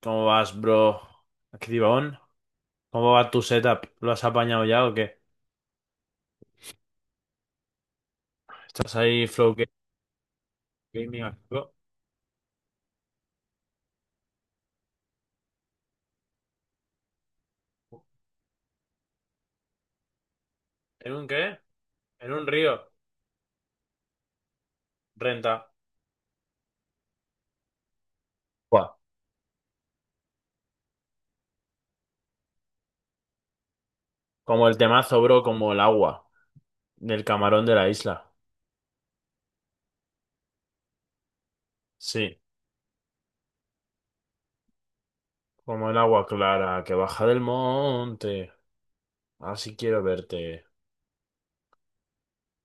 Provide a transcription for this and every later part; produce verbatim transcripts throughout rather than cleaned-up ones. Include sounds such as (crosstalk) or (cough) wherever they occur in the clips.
¿Cómo vas, bro? Activón. ¿Cómo va tu setup? ¿Lo has apañado ya o qué? ¿Estás ahí Flow Ga- Gaming activo? ¿En un qué? ¿En un río? Renta. Buah. Como el temazo, bro, como el agua del camarón de la isla. Sí, como el agua clara que baja del monte. Así quiero verte.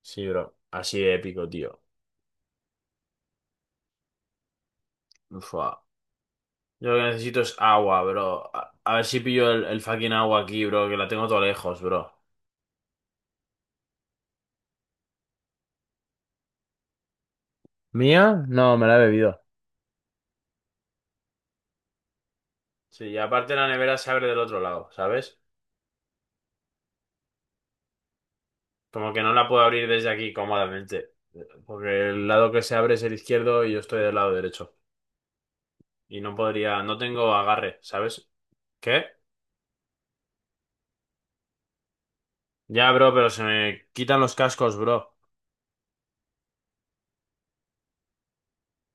Sí, bro. Así de épico, tío. Ufa. Yo lo que necesito es agua, bro. A, a ver si pillo el, el fucking agua aquí, bro, que la tengo todo lejos, bro. ¿Mía? No, me la he bebido. Sí, y aparte la nevera se abre del otro lado, ¿sabes? Como que no la puedo abrir desde aquí cómodamente, porque el lado que se abre es el izquierdo y yo estoy del lado derecho. Y no podría, no tengo agarre, ¿sabes? ¿Qué? Ya, bro, pero se me quitan los cascos, bro.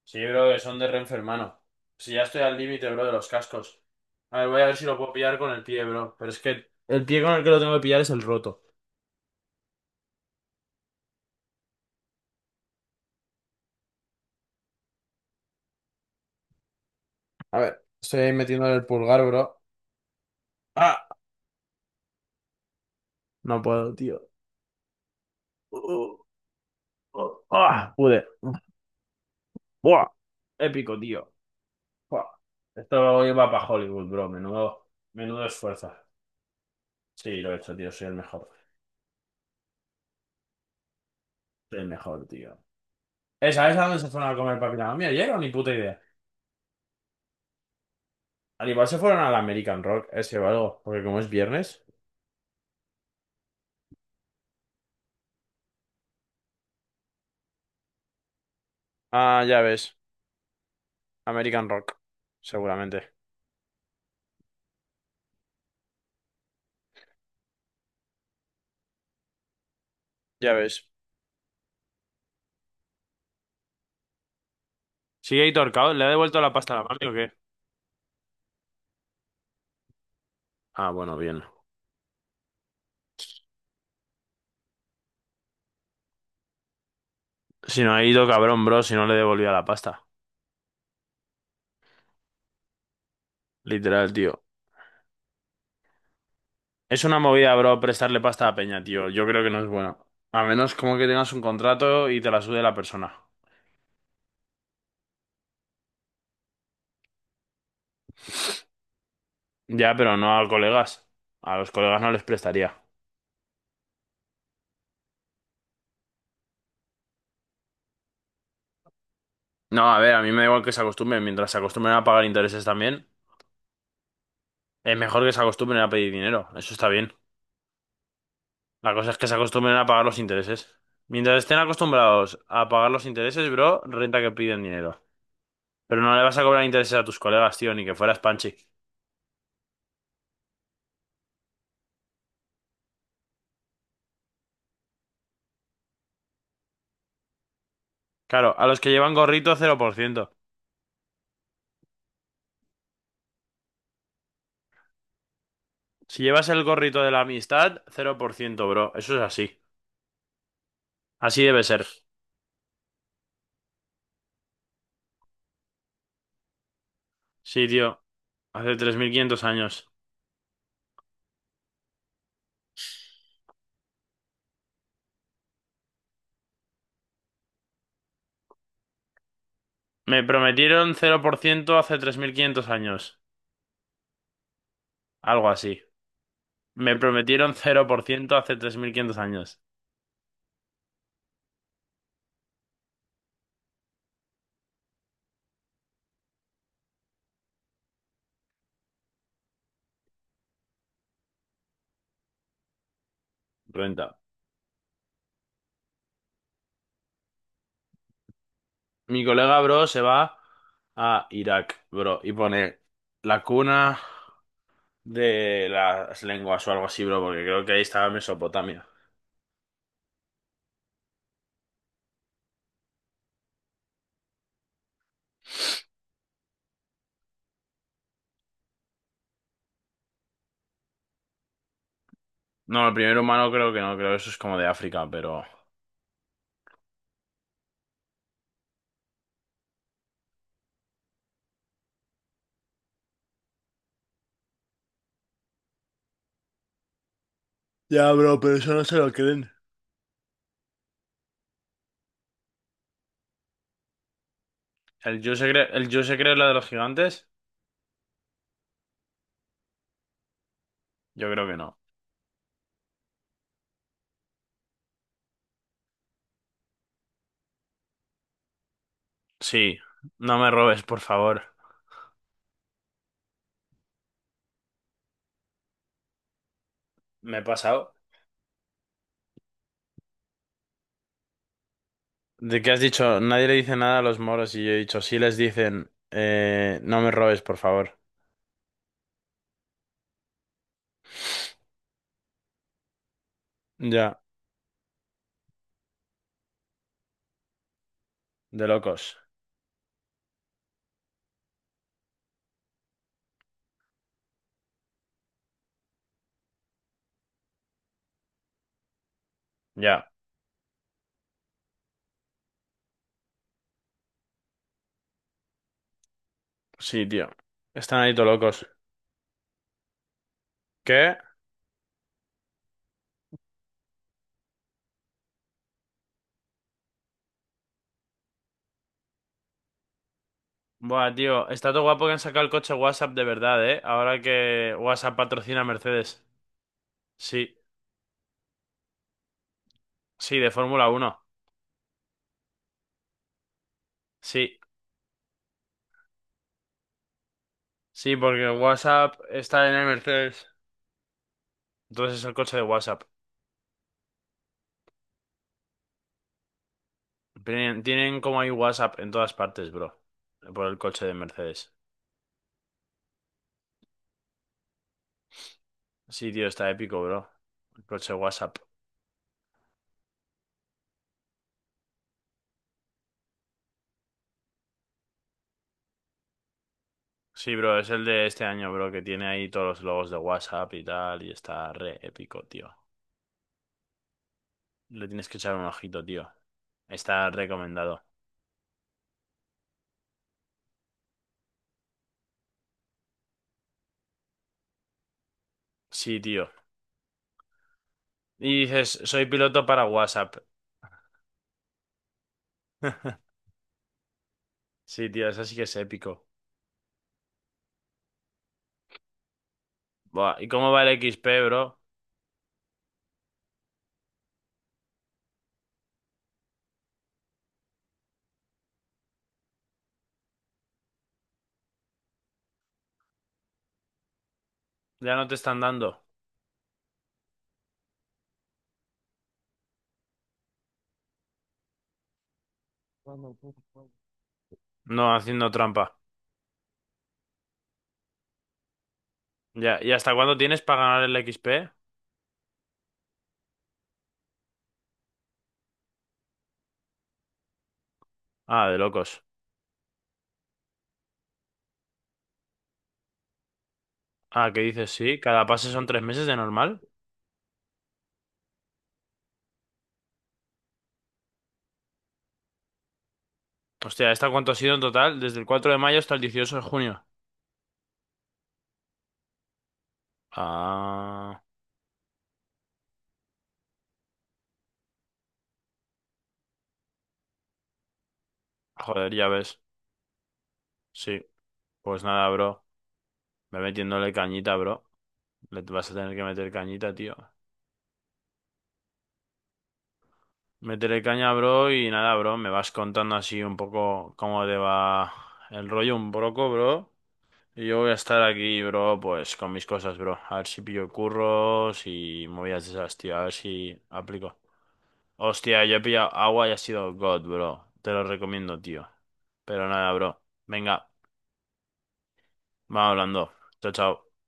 Sí, bro, que son de Renfe, hermano. Si ya estoy al límite, bro, de los cascos. A ver, voy a ver si lo puedo pillar con el pie, bro. Pero es que el pie con el que lo tengo que pillar es el roto. A ver, estoy ahí metiéndole el pulgar, bro. ¡Ah! No puedo, tío. Uh, uh, uh, ah, pude. Buah, épico, tío. Buah. Esto iba para Hollywood, bro. Menudo, menudo esfuerzo. Sí, lo he hecho, tío. Soy el mejor. Soy el mejor, tío. ¿Eh? ¿Sabes a dónde se fueron a comer papita mami ayer o ni puta idea? Al igual se fueron al American Rock, ese o algo, porque como es viernes. Ah, ya ves. American Rock. Seguramente. Ya ves. ¿Sigue ahí torcado? ¿Le ha devuelto la pasta a la mami o qué? Ah, bueno, bien. Si no ha ido, cabrón, bro, si no le devolvía la pasta. Literal, tío. Es una movida, bro, prestarle pasta a Peña, tío. Yo creo que no es bueno. A menos como que tengas un contrato y te la sude la persona. Ya, pero no a colegas. A los colegas no les prestaría. No, a ver, a mí me da igual que se acostumbren. Mientras se acostumbren a pagar intereses también, es mejor que se acostumbren a pedir dinero. Eso está bien. La cosa es que se acostumbren a pagar los intereses. Mientras estén acostumbrados a pagar los intereses, bro, renta que piden dinero. Pero no le vas a cobrar intereses a tus colegas, tío, ni que fueras Panchi. Claro, a los que llevan gorrito, cero por ciento. Si llevas el gorrito de la amistad, cero por ciento, bro. Eso es así. Así debe ser. Sí, tío. Hace tres mil quinientos años. Me prometieron cero por ciento hace tres mil quinientos años. Algo así. Me prometieron cero por ciento hace tres mil quinientos años. Renta. Mi colega, bro, se va a Irak, bro, y pone la cuna de las lenguas o algo así, bro, porque creo que ahí estaba Mesopotamia. No, el primer humano creo que no, creo que eso es como de África, pero... Ya, bro, pero eso no se lo creen. ¿El yo se cree, el yo se cree la de los gigantes? Yo creo que no. Sí, no me robes, por favor. Me he pasado. ¿De qué has dicho? Nadie le dice nada a los moros y yo he dicho, sí les dicen, eh, no me robes, por favor. Ya, de locos. Ya, sí, tío. Están ahí todos locos. ¿Qué? Buah, tío, está todo guapo que han sacado el coche WhatsApp de verdad, ¿eh? Ahora que WhatsApp patrocina a Mercedes. Sí, sí, de Fórmula uno. Sí, sí, porque WhatsApp está en el Mercedes. Entonces es el coche de WhatsApp. Tienen, tienen como hay WhatsApp en todas partes, bro. Por el coche de Mercedes. Sí, tío, está épico, bro. El coche WhatsApp. Sí, bro, es el de este año, bro, que tiene ahí todos los logos de WhatsApp y tal, y está re épico, tío. Le tienes que echar un ojito, tío. Está recomendado. Sí, tío. Y dices, soy piloto para WhatsApp. (laughs) Sí, tío, eso sí que es épico. Buah, ¿y cómo va el X P, bro? Ya no te están dando. No, haciendo trampa. Ya, ¿y hasta cuándo tienes para ganar el X P? Ah, de locos. Ah, ¿qué dices? Sí, cada pase son tres meses de normal. Hostia, ¿esta cuánto ha sido en total? Desde el cuatro de mayo hasta el dieciocho de junio. Ah, joder, ya ves. Sí, pues nada, bro. Ve metiéndole cañita, bro. Le vas a tener que meter cañita, tío. Métele caña, bro, y nada, bro. Me vas contando así un poco cómo te va el rollo un poco, bro. Y yo voy a estar aquí, bro, pues con mis cosas, bro. A ver si pillo curros y movidas de esas, tío. A ver si aplico. Hostia, yo he pillado agua y ha sido God, bro. Te lo recomiendo, tío. Pero nada, bro. Venga, vamos hablando. Chao, chao.